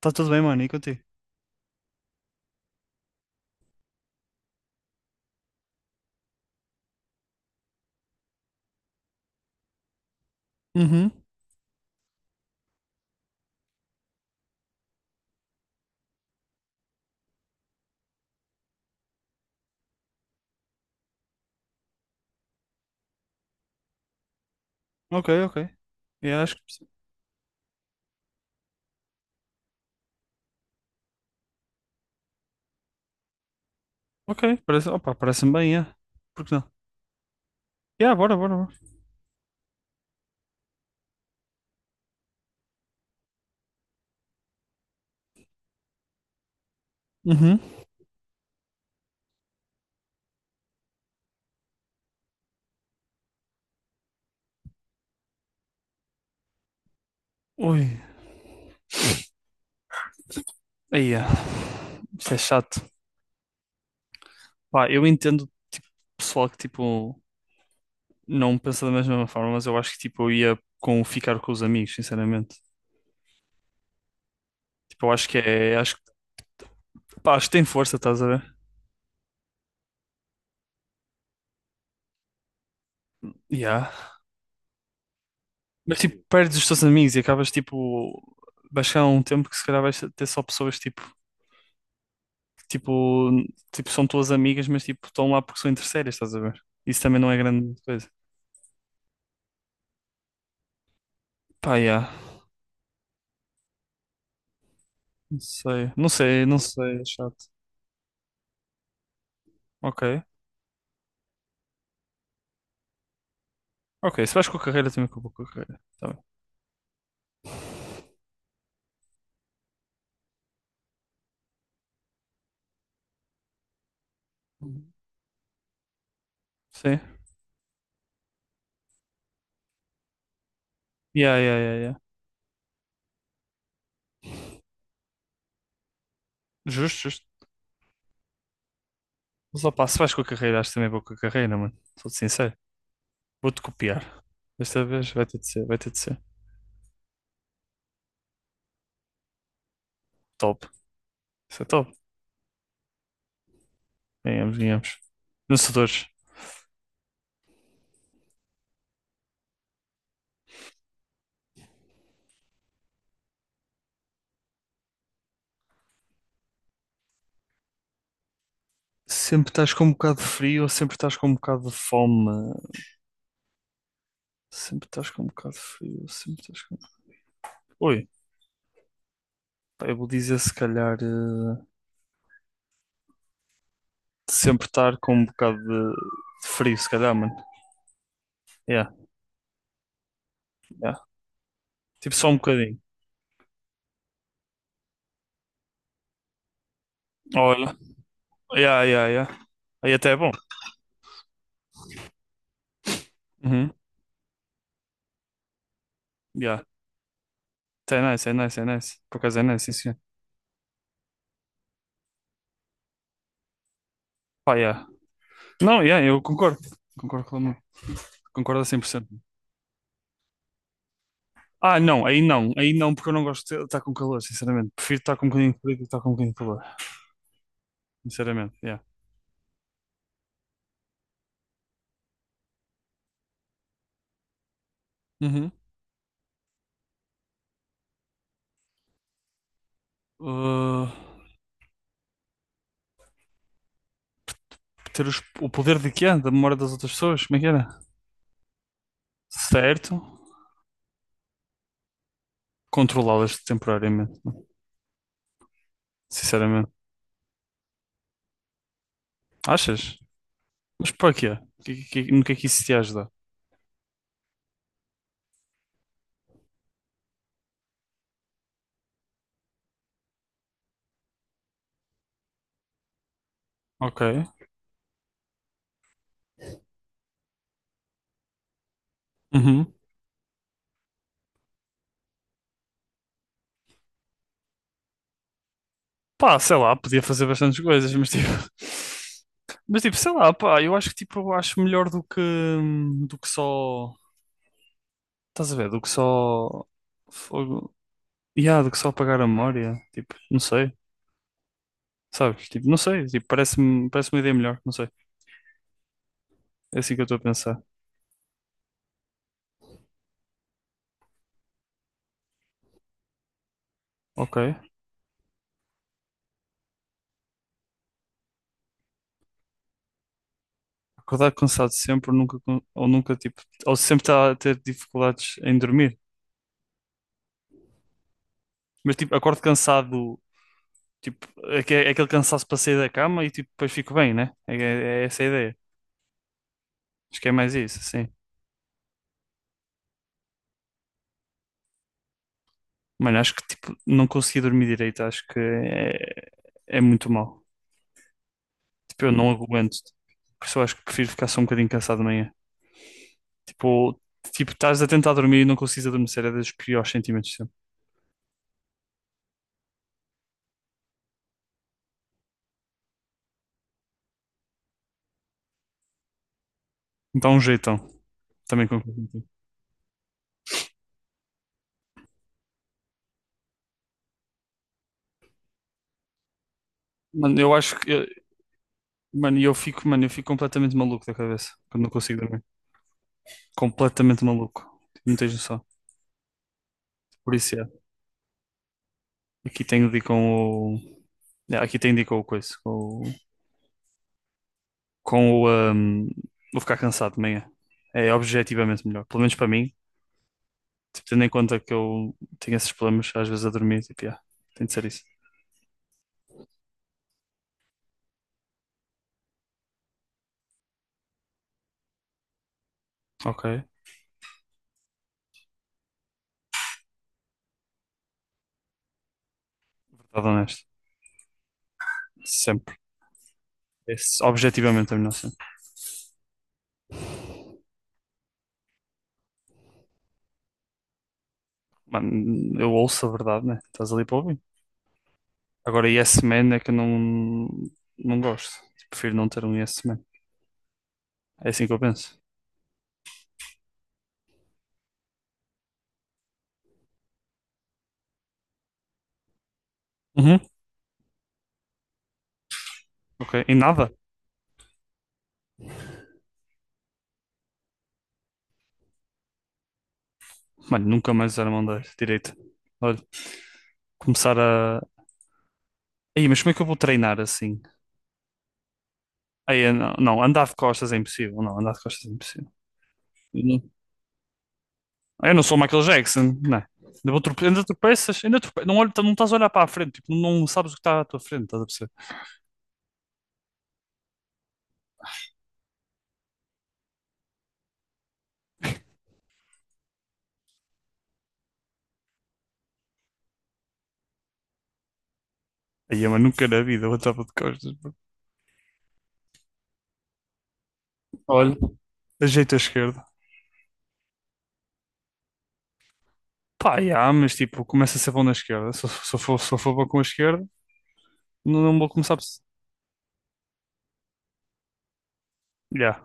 Tá tudo bem, mano, e contigo? Uhum. Ok, ok. Yeah, acho que... Ok, parece... Opa, parece-me bem, yeah. Por que não? Yeah, bora, bora, bora. Uhum. Ui, aí, yeah. Isso é chato. Pá, eu entendo, tipo, pessoal que, tipo, não pensa da mesma forma, mas eu acho que, tipo, eu ia com ficar com os amigos, sinceramente. Tipo, eu acho que é... Acho que... Pá, acho que tem força, estás a ver? Yeah. Mas, tipo, perdes os teus amigos e acabas, tipo... Vai chegar um tempo que se calhar vais ter só pessoas, tipo... tipo, tipo, são tuas amigas, mas tipo, estão lá porque são interesseiras, estás a ver? Isso também não é grande coisa. Pá, yeah. Não sei, não sei, não sei, é chato. Ok, ok, se vais com a carreira, também com a carreira. Tá bem. Uhum. Sim, yeah, yeah, yeah, yeah. Justo, justo. Mas opá, se vais com a carreira, acho que também vou com a carreira, mano. Sou-te sincero. Vou-te copiar. Desta vez vai ter de ser, vai ter de ser. Top. Isso é top. Ganhamos, ganhamos. Vencedores. Sempre estás com um bocado de frio ou sempre estás com um bocado de fome? Sempre estás com um bocado de frio, sempre estás com. Oi, pá, eu vou dizer se calhar sempre estar com um bocado de frio, se calhar, mano. Yeah, yeah. Tipo só um bocadinho. Olha, yeah, yeah, yeah. Aí até é bom. Uhum. Yeah. Até é nice, é nice, é nice. Por acaso é nice, sim, senhor. Pá, yeah. Não, yeah, eu concordo. Concordo com. Concordo a cem por cento. Ah, não, aí não, aí não, porque eu não gosto de estar com calor, sinceramente. Prefiro estar com um bocadinho de frio do que estar com um bocadinho de calor, sinceramente, yeah. Uhum. Uh, ter o poder de quê? Da memória das outras pessoas? Como é que era? Certo. Controlá-las temporariamente, né? Sinceramente. Achas? Mas para quê? No que é que isso te ajuda? Ok. Uhum. Pá, sei lá, podia fazer bastantes coisas, mas tipo. Mas tipo, sei lá, pá, eu acho que tipo, eu acho melhor do que só. Estás a ver? Do que só. Fogo. Yeah, do que só apagar a memória. Tipo, não sei. Sabes? Tipo, não sei. Tipo, parece uma ideia melhor, não sei. É assim que eu estou a pensar. Ok. Acordar cansado sempre, nunca, con- ou nunca, tipo, ou sempre estar a ter dificuldades em dormir. Mas, tipo, acordo cansado, tipo, é é aquele cansaço para sair da cama e, tipo, depois fico bem, né? É essa a ideia. Acho que é mais isso, sim. Mano, acho que, tipo, não consegui dormir direito, acho que é, é muito mal. Tipo, eu não aguento. Por isso eu acho que prefiro ficar só um bocadinho cansado de manhã. Tipo, tipo, estás a tentar dormir e não consegues adormecer, é dos piores sentimentos sempre. Então, um jeitão. Também concordo. Mano, eu acho que. eu- mano, eu fico completamente maluco da cabeça quando não consigo dormir. Completamente maluco. Tipo, não tens noção. Por isso é. Aqui tenho de ir com o. É, aqui tenho de ir com o coisa. Com o. Com o, vou ficar cansado de manhã. É objetivamente melhor. Pelo menos para mim. Tipo, tendo em conta que eu tenho esses problemas às vezes a dormir. Tipo, yeah, tem de ser isso. Ok. Verdade honesto. Sempre. Esse, objetivamente a melhor sempre. Mano, eu ouço a verdade, né? Estás ali para ouvir. Agora, Yes Man é que eu não, não gosto. Prefiro não ter um Yes Man. É assim que eu penso. Uhum. Ok. E nada? Mano, nunca mais usar a mão da direita. Olha, começar a. Aí, mas como é que eu vou treinar assim? Aí, eu não, não, andar de costas é impossível. Não, andar de costas é impossível. Eu não, eu não sou o Michael Jackson, não é? Ainda ainda tropeças, não, olho, não estás a olhar para a frente, tipo, não sabes o que está à tua frente, estás a perceber? Aí, mas nunca na vida eu andava de costas, bro. Olha, ajeito a esquerda. Pá, yeah, mas tipo, começa a ser bom na esquerda. Se eu for bom com a esquerda, não vou começar a por. Yeah.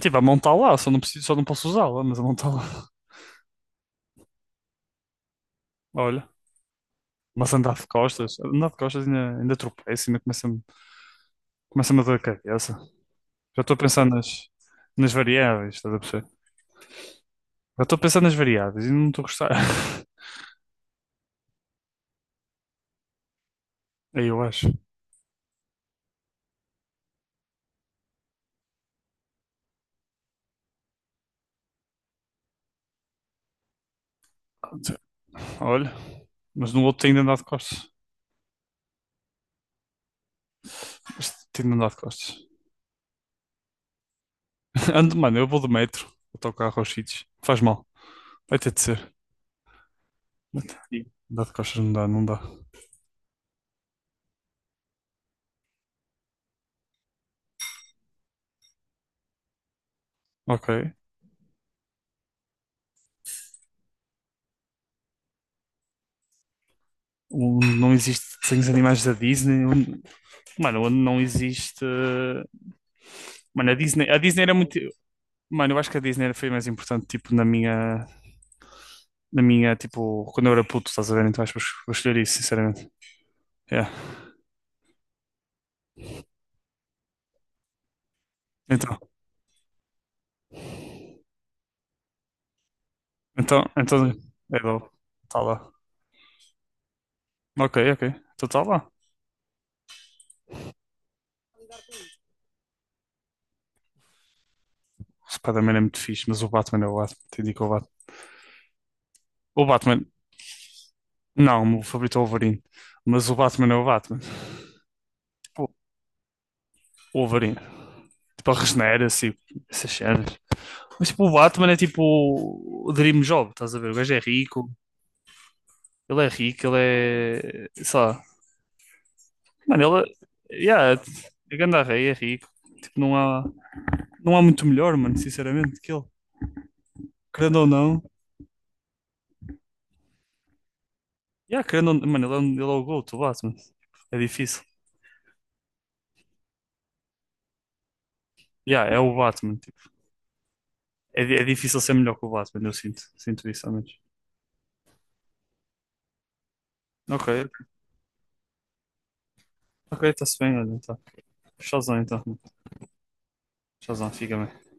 Tipo, a mão está lá, só não preciso, só não posso usá-la, mas a mão está lá. Olha, mas andar de costas ainda, ainda tropeço, ainda começa-me começa-me a dor a cabeça. Já estou a pensar nas variáveis, estás a perceber? Já estou a pensar nas variáveis e não estou a gostar. Aí eu acho. Olha, mas no outro tem de andar de costas. Este tem de andar de costas. Ando, mano, eu vou de metro, autocarro aos sítios. Faz mal, vai ter de ser. Sim. Dá de costas, não dá, não dá. Ok. Onde não existe desenhos animais da Disney, onde- Mano, onde não existe. Mano, a Disney era muito. Mano, eu acho que a Disney foi mais importante, tipo, na minha. Na minha, tipo, quando eu era puto, estás a ver? Então acho que vou escolher isso, sinceramente. Yeah. Então, então. É do. Tá lá. Ok, ok. Então tá lá. O Spider-Man é muito fixe, mas o Batman é o Batman. Te indico o Batman. O Batman. Não, o meu favorito é o Wolverine. Mas o Batman é o Batman. Tipo, o Wolverine. Tipo, a regenera, assim, essas cenas. Mas tipo, o Batman é tipo o Dream Job, estás a ver? O gajo é rico, ele é rico, ele é. Sei lá. Mano, ele é. Yeah, é grande rei, é rico. Tipo, não há muito melhor, mano, sinceramente, que ele. Querendo ou não. Yeah, querendo ou não. Mano, ele é o GOAT, o Batman. É difícil. Yeah, é o Batman. Tipo. É difícil ser melhor que o Batman, eu sinto. Sinto isso, ao menos. Ok, ok, está-se bem, olha, tá. Shazam, então. Shazam, fica bem.